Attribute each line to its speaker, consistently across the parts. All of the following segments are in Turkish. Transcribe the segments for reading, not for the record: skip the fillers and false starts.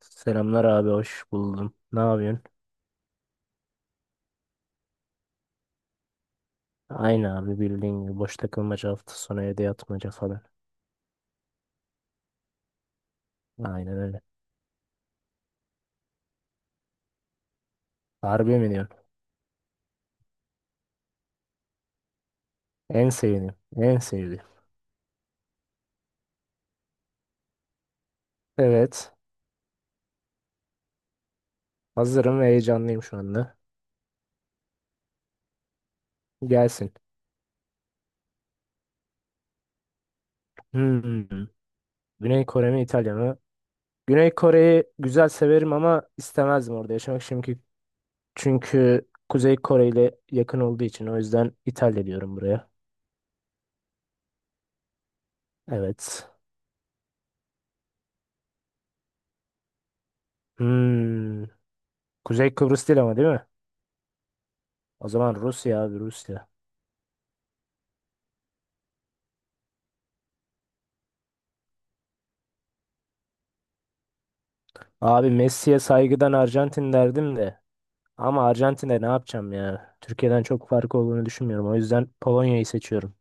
Speaker 1: Selamlar abi hoş buldum. Ne yapıyorsun? Aynı abi bildiğin gibi boş takılmaca hafta sonu evde yatmaca falan. Aynen öyle. Harbi mi diyorsun? En sevdiğim. En sevdiğim. Evet. Hazırım ve heyecanlıyım şu anda. Gelsin. Hmm. Güney Kore mi İtalya mı? Güney Kore'yi güzel severim ama istemezdim orada yaşamak çünkü Kuzey Kore ile yakın olduğu için o yüzden İtalya diyorum buraya. Evet. Hmm. Kuzey Kıbrıs değil ama değil mi? O zaman Rusya abi Rusya. Abi Messi'ye saygıdan Arjantin derdim de. Ama Arjantin'e ne yapacağım ya? Türkiye'den çok farkı olduğunu düşünmüyorum. O yüzden Polonya'yı seçiyorum.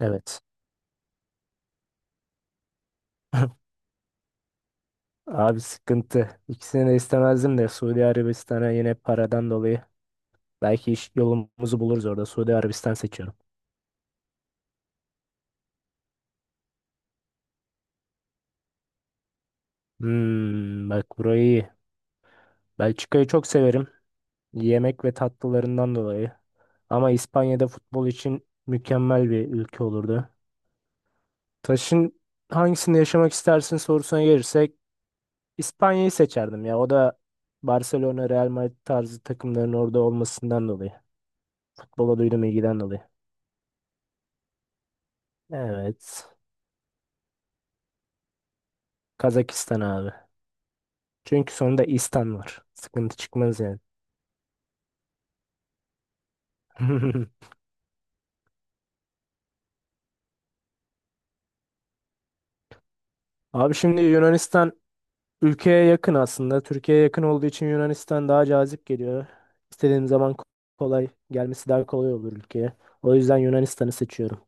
Speaker 1: Evet. Abi sıkıntı. İkisini de istemezdim de Suudi Arabistan'a yine paradan dolayı. Belki iş yolumuzu buluruz orada. Suudi Arabistan seçiyorum. Bak burayı iyi. Belçika'yı çok severim. Yemek ve tatlılarından dolayı. Ama İspanya'da futbol için mükemmel bir ülke olurdu. Taş'ın hangisinde yaşamak istersin sorusuna gelirsek İspanya'yı seçerdim ya. O da Barcelona, Real Madrid tarzı takımların orada olmasından dolayı. Futbola duyduğum ilgiden dolayı. Evet. Kazakistan abi. Çünkü sonunda İstan var. Sıkıntı çıkmaz yani. Abi şimdi Yunanistan ülkeye yakın aslında. Türkiye'ye yakın olduğu için Yunanistan daha cazip geliyor. İstediğim zaman kolay gelmesi daha kolay olur ülkeye. O yüzden Yunanistan'ı seçiyorum.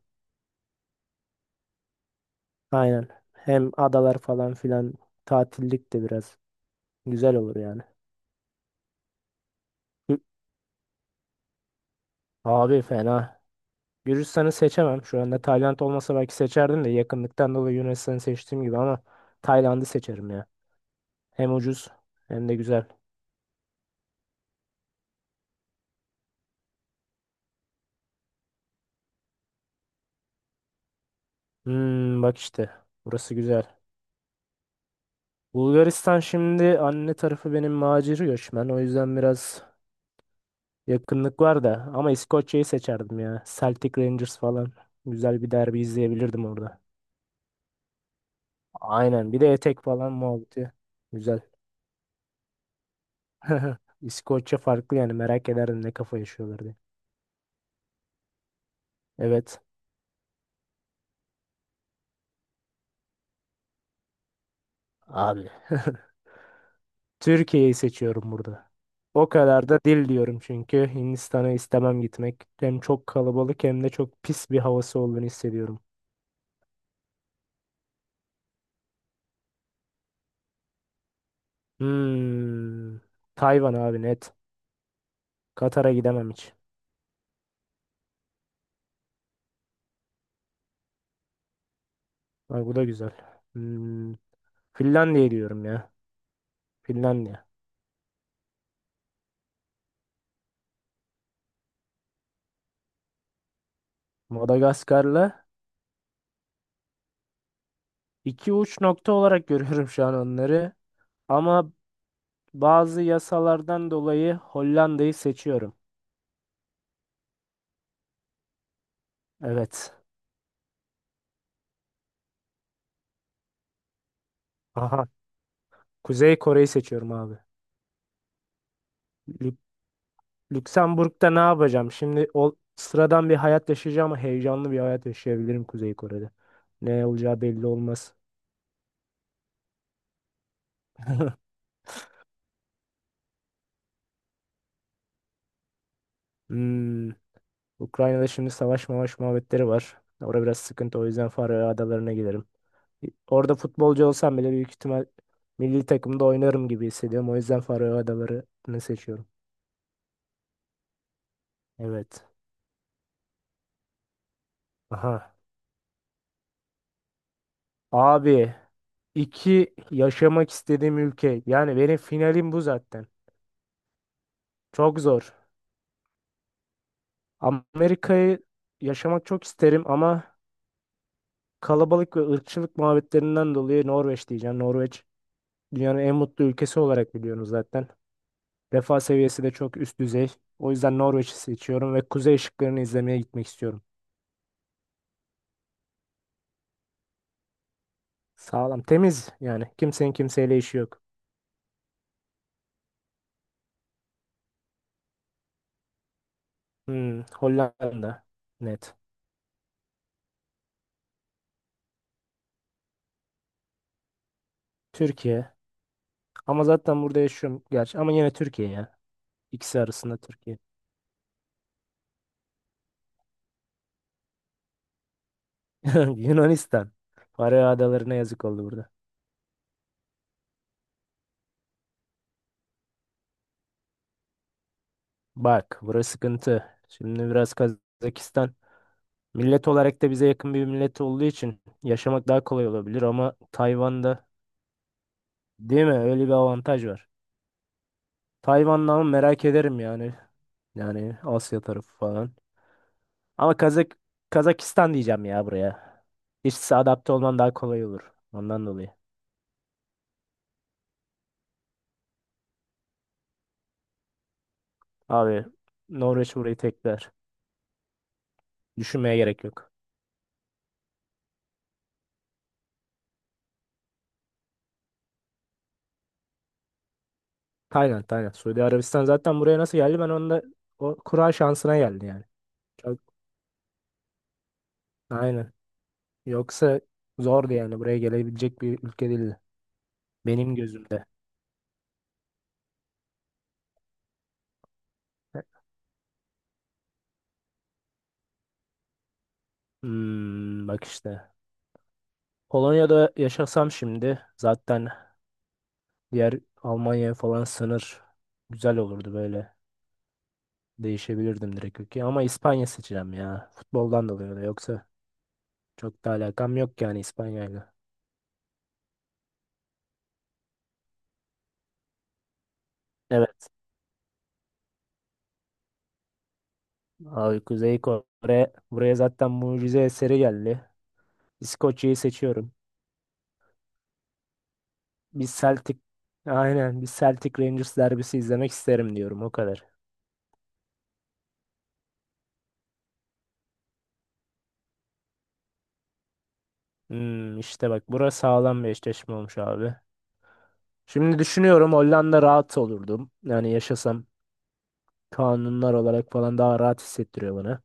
Speaker 1: Aynen. Hem adalar falan filan tatillik de biraz güzel olur yani. Hı. Abi fena. Gürcistan'ı seçemem. Şu anda Tayland olmasa belki seçerdim de yakınlıktan dolayı Yunanistan'ı seçtiğim gibi ama Tayland'ı seçerim ya. Hem ucuz hem de güzel. Bak işte burası güzel. Bulgaristan şimdi anne tarafı benim macir göçmen. O yüzden biraz yakınlık var da ama İskoçya'yı seçerdim ya. Celtic Rangers falan. Güzel bir derbi izleyebilirdim orada. Aynen bir de etek falan muhabbeti. Güzel. İskoçya farklı yani merak ederdim ne kafa yaşıyorlar diye. Evet abi. Türkiye'yi seçiyorum burada. O kadar da dil diyorum çünkü Hindistan'a istemem gitmek. Hem çok kalabalık hem de çok pis bir havası olduğunu hissediyorum. Hmm. Tayvan abi net. Katar'a gidemem hiç. Bak bu da güzel. Hmm. Finlandiya diyorum ya. Finlandiya. Madagaskar'la iki uç nokta olarak görüyorum şu an onları. Ama bazı yasalardan dolayı Hollanda'yı seçiyorum. Evet. Aha. Kuzey Kore'yi seçiyorum abi. Lüksemburg'da ne yapacağım? Şimdi o sıradan bir hayat yaşayacağım ama heyecanlı bir hayat yaşayabilirim Kuzey Kore'de. Ne olacağı belli olmaz. Hmm, Ukrayna'da şimdi savaş mavaş muhabbetleri var. Orada biraz sıkıntı o yüzden Faroe Adaları'na giderim. E, orada futbolcu olsam bile büyük ihtimal milli takımda oynarım gibi hissediyorum. O yüzden Faroe Adaları'nı seçiyorum. Evet. Aha. Abi iki yaşamak istediğim ülke. Yani benim finalim bu zaten. Çok zor. Amerika'yı yaşamak çok isterim ama kalabalık ve ırkçılık muhabbetlerinden dolayı Norveç diyeceğim. Norveç dünyanın en mutlu ülkesi olarak biliyorsunuz zaten. Refah seviyesi de çok üst düzey. O yüzden Norveç'i seçiyorum ve kuzey ışıklarını izlemeye gitmek istiyorum. Sağlam, temiz yani. Kimsenin kimseyle işi yok. Hollanda net. Türkiye. Ama zaten burada yaşıyorum gerçi. Ama yine Türkiye ya. İkisi arasında Türkiye. Yunanistan. Faroe Adaları'na yazık oldu burada. Bak burası sıkıntı. Şimdi biraz Kazakistan millet olarak da bize yakın bir millet olduğu için yaşamak daha kolay olabilir ama Tayvan'da değil mi? Öyle bir avantaj var. Tayvan'da ama merak ederim yani. Yani Asya tarafı falan. Ama Kazakistan diyeceğim ya buraya. İşte adapte olman daha kolay olur. Ondan dolayı. Abi Norveç burayı tekrar. Düşünmeye gerek yok. Tayland, Tayland. Suudi Arabistan zaten buraya nasıl geldi? Ben onda o kura şansına geldi yani. Çok, aynen. Yoksa zordu yani buraya gelebilecek bir ülke değildi. Benim gözümde. Hmm, bak işte. Polonya'da yaşasam şimdi zaten diğer Almanya'ya falan sınır güzel olurdu böyle. Değişebilirdim direkt ülke ama İspanya seçeceğim ya. Futboldan dolayı da yoksa çok da alakam yok yani İspanya'yla. Evet. Abi Kuzey Kore buraya zaten mucize eseri geldi. İskoçya'yı seçiyorum. Bir Celtic aynen bir Celtic Rangers derbisi izlemek isterim diyorum o kadar. İşte bak burası sağlam bir eşleşme olmuş abi. Şimdi düşünüyorum Hollanda rahat olurdum. Yani yaşasam kanunlar olarak falan daha rahat hissettiriyor bana.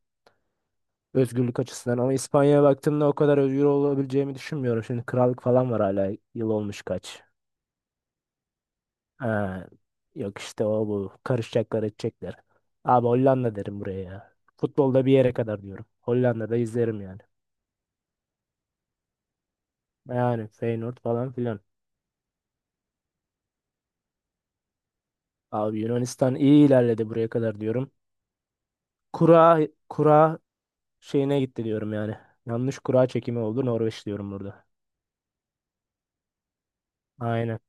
Speaker 1: Özgürlük açısından ama İspanya'ya baktığımda o kadar özgür olabileceğimi düşünmüyorum. Şimdi krallık falan var hala yıl olmuş kaç. Ha, yok işte o bu karışacaklar edecekler. Abi Hollanda derim buraya ya. Futbolda bir yere kadar diyorum. Hollanda'da izlerim yani. Yani Feyenoord falan filan. Abi Yunanistan iyi ilerledi buraya kadar diyorum. Kura kura şeyine gitti diyorum yani. Yanlış kura çekimi oldu Norveç diyorum burada. Aynen.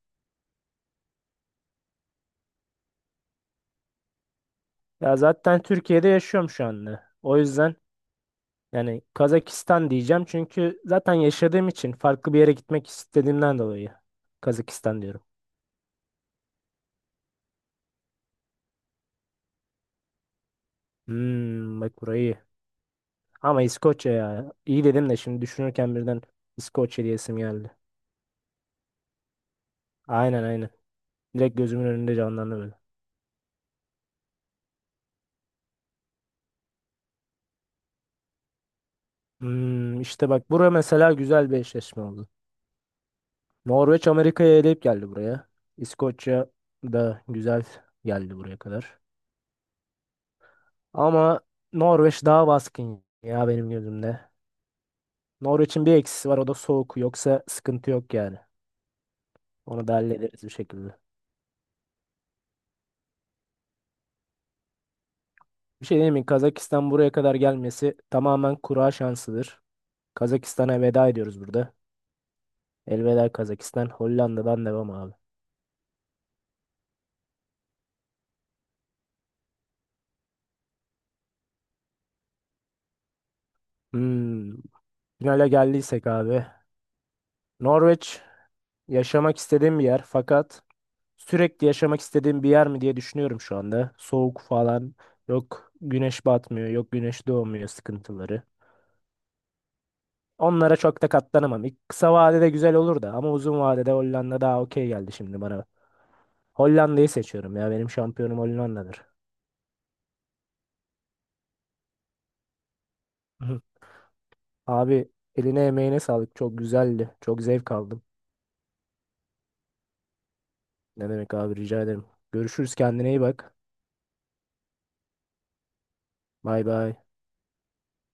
Speaker 1: Ya zaten Türkiye'de yaşıyorum şu anda. O yüzden yani Kazakistan diyeceğim çünkü zaten yaşadığım için farklı bir yere gitmek istediğimden dolayı Kazakistan diyorum. Hmm, bak burayı iyi. Ama İskoçya ya. İyi dedim de şimdi düşünürken birden İskoçya diyesim geldi. Aynen aynen. Direkt gözümün önünde canlandı böyle. İşte bak bura mesela güzel bir eşleşme oldu. Norveç Amerika'yı eleyip geldi buraya. İskoçya da güzel geldi buraya kadar. Ama Norveç daha baskın ya benim gözümde. Norveç'in bir eksisi var o da soğuk. Yoksa sıkıntı yok yani. Onu da hallederiz bir şekilde. Bir şey diyeyim mi? Kazakistan buraya kadar gelmesi tamamen kura şansıdır. Kazakistan'a veda ediyoruz burada. Elveda Kazakistan. Hollanda'dan devam abi. Hmm. Finale geldiysek abi. Norveç yaşamak istediğim bir yer fakat sürekli yaşamak istediğim bir yer mi diye düşünüyorum şu anda. Soğuk falan yok, güneş batmıyor, yok güneş doğmuyor sıkıntıları. Onlara çok da katlanamam. İlk kısa vadede güzel olur da ama uzun vadede Hollanda daha okey geldi şimdi bana. Hollanda'yı seçiyorum ya benim şampiyonum Hollanda'dır. Hı. Abi eline emeğine sağlık çok güzeldi. Çok zevk aldım. Ne demek abi rica ederim. Görüşürüz kendine iyi bak. Bay bay.